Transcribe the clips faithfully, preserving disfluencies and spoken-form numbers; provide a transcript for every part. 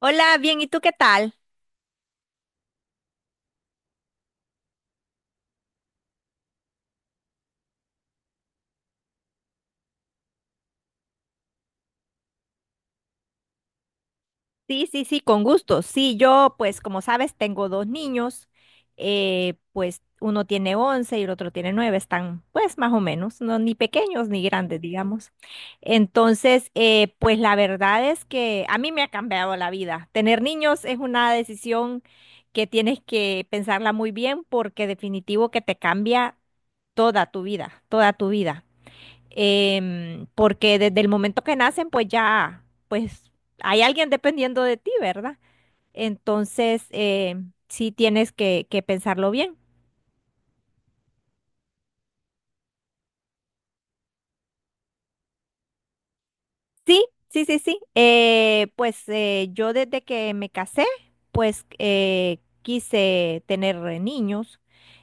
Hola, bien, ¿y tú qué tal? Sí, sí, sí, con gusto. Sí, yo, pues como sabes, tengo dos niños, eh, pues uno tiene once y el otro tiene nueve. están pues más o menos, no ni pequeños ni grandes, digamos. Entonces, eh, pues la verdad es que a mí me ha cambiado la vida. Tener niños es una decisión que tienes que pensarla muy bien porque definitivo que te cambia toda tu vida, toda tu vida. Em, porque desde el momento que nacen, pues ya, pues hay alguien dependiendo de ti, ¿verdad? Entonces, em, sí tienes que, que pensarlo bien. Sí, sí, sí, sí. Eh, pues eh, yo desde que me casé, pues eh, quise tener eh, niños,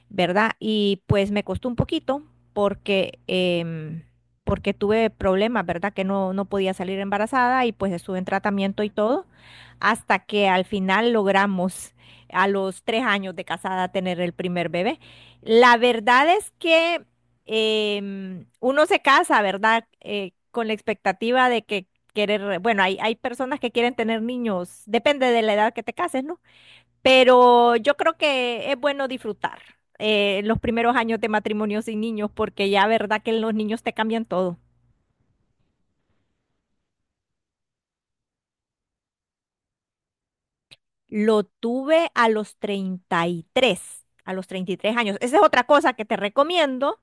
¿verdad? Y pues me costó un poquito porque, em, porque tuve problemas, ¿verdad? Que no, no podía salir embarazada y pues estuve en tratamiento y todo, hasta que al final logramos a los tres años de casada tener el primer bebé. La verdad es que em, uno se casa, ¿verdad? Eh, con la expectativa de que querer, bueno, hay, hay personas que quieren tener niños, depende de la edad que te cases, ¿no? Pero yo creo que es bueno disfrutar eh, los primeros años de matrimonio sin niños, porque ya, ¿verdad? Que los niños te cambian todo. Lo tuve a los treinta y tres, a los treinta y tres años. Esa es otra cosa que te recomiendo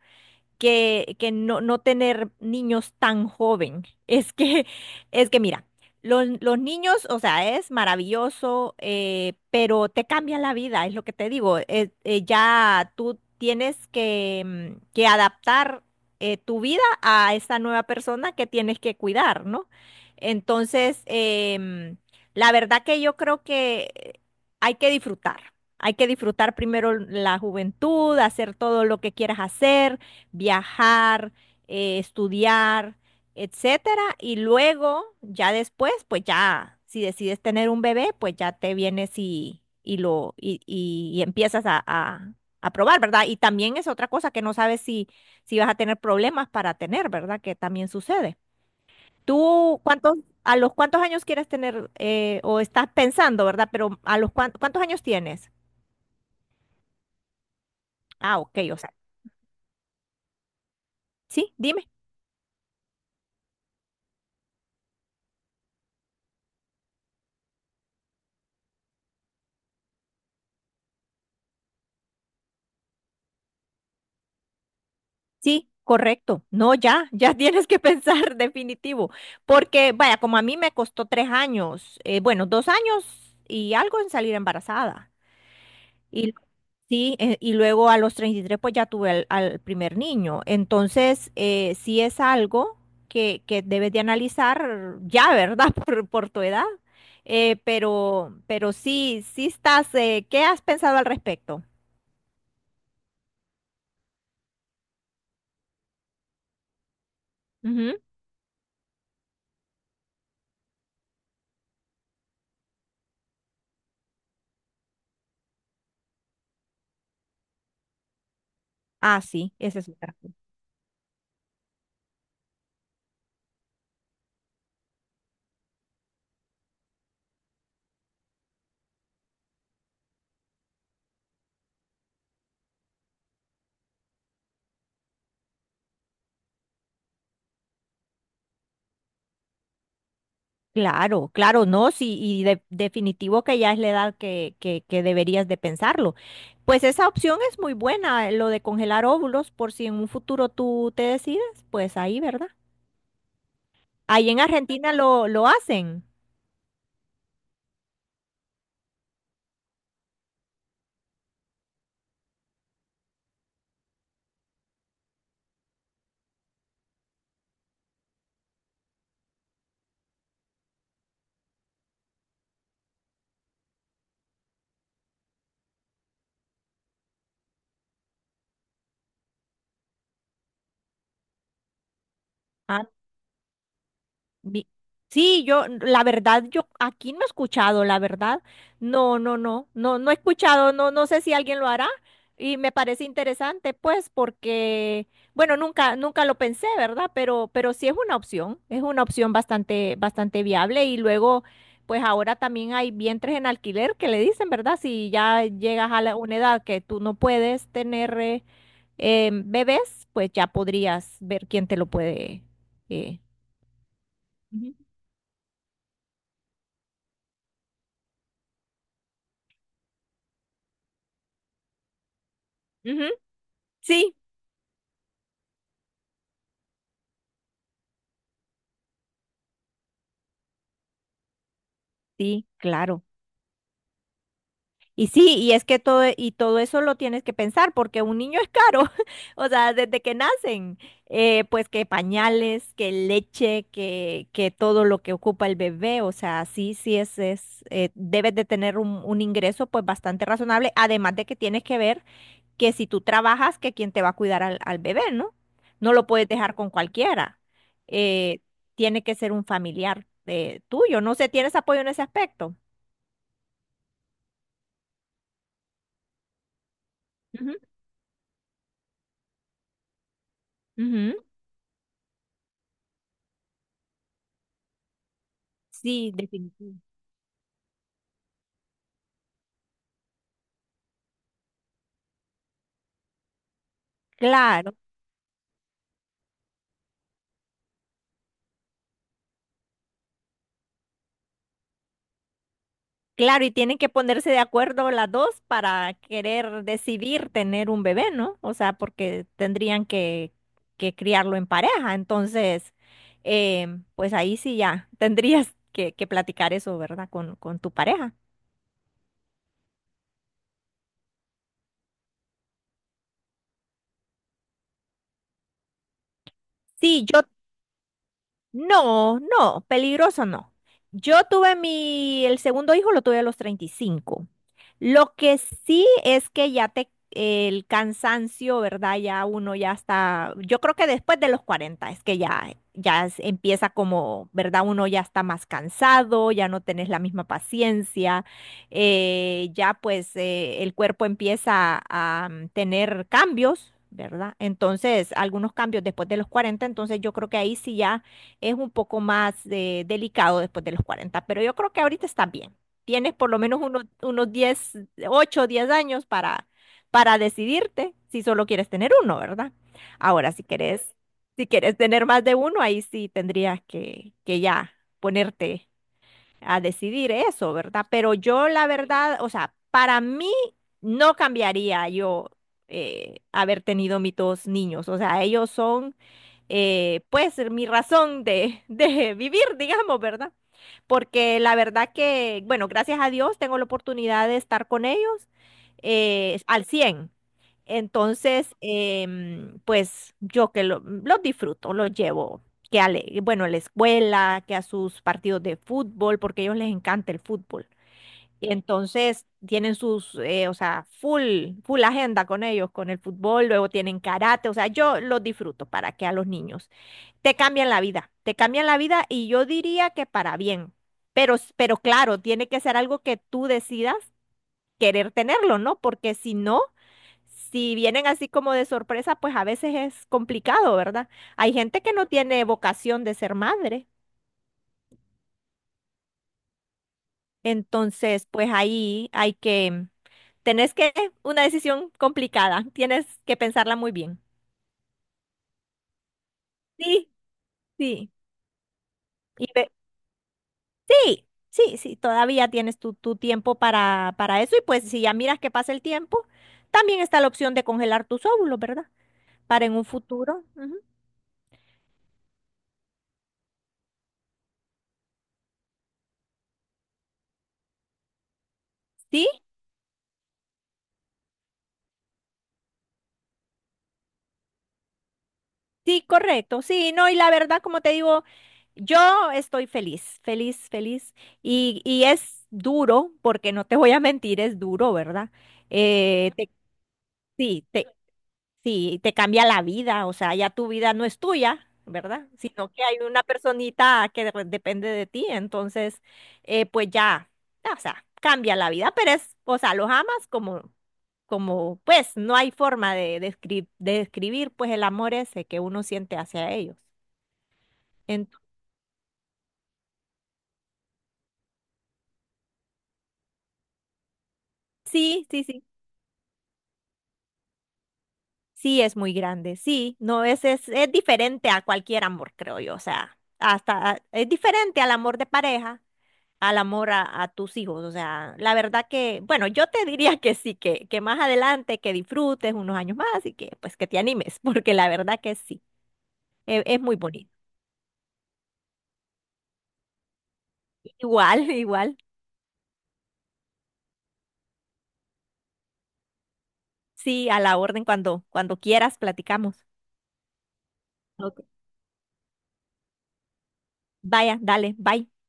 que, que no, no tener niños tan joven. Es que, es que mira, los, los niños, o sea, es maravilloso, eh, pero te cambian la vida, es lo que te digo. Eh, eh, ya tú tienes que, mm, que adaptar eh, tu vida a esa nueva persona que tienes que cuidar, ¿no? Entonces, em, la verdad que yo creo que hay que disfrutar. Hay que disfrutar primero la juventud, hacer todo lo que quieras hacer, viajar, eh, estudiar, etcétera. Y luego, ya después, pues ya, si decides tener un bebé, pues ya te vienes y, y lo, y, y- y empiezas a, a- a probar, ¿verdad? Y también es otra cosa que no sabes si, si vas a tener problemas para tener, ¿verdad? Que también sucede. ¿Tú cuántos, a los cuántos años quieres tener, eh, o estás pensando, ¿verdad? Pero a los cuan- cuántos años tienes? Ah, ok, o sea, sí, dime. Sí, correcto. No, ya, ya tienes que pensar definitivo. Porque, vaya, como a mí me costó tres años, eh, bueno, dos años y algo en salir embarazada. Y sí, eh, y luego a los treinta y tres pues ya tuve al, al primer niño. Entonces, eh, sí es algo que, que debes de analizar ya, ¿verdad? Por, por tu edad. Eh, pero, pero sí, sí estás, eh, ¿qué has pensado al respecto? Ujú. Ah, sí, ese es otra. Claro, claro, no, sí, y de- definitivo que ya es la edad que, que, que deberías de pensarlo. Pues esa opción es muy buena, lo de congelar óvulos, por si en un futuro tú te decides, pues ahí, ¿verdad? Ahí en Argentina lo, lo hacen. Ah, Vi- Sí, yo, la verdad, yo aquí no he escuchado, la verdad. No, no, no, no, no he escuchado, no, no sé si alguien lo hará y me parece interesante, pues, porque, bueno, nunca, nunca lo pensé, ¿verdad? Pero, pero sí es una opción, es una opción bastante, bastante viable y luego, pues ahora también hay vientres en alquiler que le dicen, ¿verdad? Si ya llegas a la, una edad que tú no puedes tener eh, eh, bebés, pues ya podrías ver quién te lo puede. eh, Ujú. Ujú. Sí, sí, claro. Y sí, y es que todo, y todo eso lo tienes que pensar, porque un niño es caro, o sea, desde que nacen, eh, pues que pañales, que leche, que, que todo lo que ocupa el bebé, o sea, sí, sí es, es, eh, debes de tener un, un ingreso pues bastante razonable, además de que tienes que ver que si tú trabajas, que quién te va a cuidar al, al bebé, ¿no? No lo puedes dejar con cualquiera. Eh, Tiene que ser un familiar, eh, tuyo, no sé, ¿tienes apoyo en ese aspecto? Ujú. Sí, definitivo. Claro, claro, y tienen que ponerse de acuerdo las dos para querer decidir tener un bebé, ¿no? O sea, porque tendrían que, que criarlo en pareja. Entonces, eh, pues ahí sí ya tendrías que, que platicar eso, ¿verdad? Con, con tu pareja. Sí, yo no, no, peligroso no. Yo tuve mi, el segundo hijo lo tuve a los treinta y cinco. Lo que sí es que ya te, el cansancio, ¿verdad? Ya uno ya está, yo creo que después de los cuarenta es que ya, ya es- empieza como, ¿verdad? Uno ya está más cansado, ya no tenés la misma paciencia, eh, ya pues eh, el cuerpo empieza a mm, tener cambios. ¿Verdad? Entonces, algunos cambios después de los cuarenta. entonces yo creo que ahí sí ya es un poco más eh, delicado después de los cuarenta, pero yo creo que ahorita está bien. Tienes por lo menos unos, unos diez ocho o diez años para, para decidirte si solo quieres tener uno, ¿verdad? Ahora, si quieres, si quieres tener más de uno, ahí sí tendrías que, que ya ponerte a decidir eso, ¿verdad? Pero yo la verdad, o sea, para mí no cambiaría yo eh, haber tenido mis dos niños, o sea, ellos son eh, pues mi razón de, de vivir, digamos, ¿verdad? Porque la verdad que, bueno, gracias a Dios tengo la oportunidad de estar con ellos eh, al cien. Entonces, em, pues yo que lo- los disfruto, los llevo, que a, la- bueno, a la escuela, que a sus partidos de fútbol, porque a ellos les encanta el fútbol. Y entonces tienen sus, eh, o sea, full, full agenda con ellos, con el fútbol, luego tienen karate, o sea, yo los disfruto para que a los niños te cambian la vida, te cambian la vida y yo diría que para bien. Pero, s- pero claro, tiene que ser algo que tú decidas querer tenerlo, ¿no? Porque si no, si vienen así como de sorpresa, pues a veces es complicado, ¿verdad? Hay gente que no tiene vocación de ser madre. Entonces, pues ahí hay que, tenés que, una decisión complicada, tienes que pensarla muy bien. Sí, sí. Y ve- Sí, sí, sí, todavía tienes tu, tu tiempo para, para eso y pues si ya miras que pasa el tiempo, también está la opción de congelar tus óvulos, ¿verdad? Para en un futuro. ujú. Sí, sí, correcto. Sí, no, y la verdad, como te digo, yo estoy feliz, feliz, feliz. Y, y es duro, porque no te voy a mentir, es duro, ¿verdad? Eh, te- sí, te, Sí, te cambia la vida, o sea, ya tu vida no es tuya, ¿verdad? Sino que hay una personita que de- depende de ti, entonces, eh, pues ya, o sea, cambia la vida, pero es, o sea, los amas como, como, pues, no hay forma de, descri- de describir, pues, el amor ese que uno siente hacia ellos. Ento- sí, sí, sí, sí, es muy grande, sí, no, es, es, es diferente a cualquier amor, creo yo, o sea, hasta es diferente al amor de pareja. Al amor a, a tus hijos. O sea, la verdad que, bueno, yo te diría que sí, que, que más adelante, que disfrutes unos años más y que pues que te animes, porque la verdad que sí, e- es, muy bonito. Igual, igual. Sí, a la orden cuando, cuando quieras, platicamos. Ok. Vaya, dale, bye.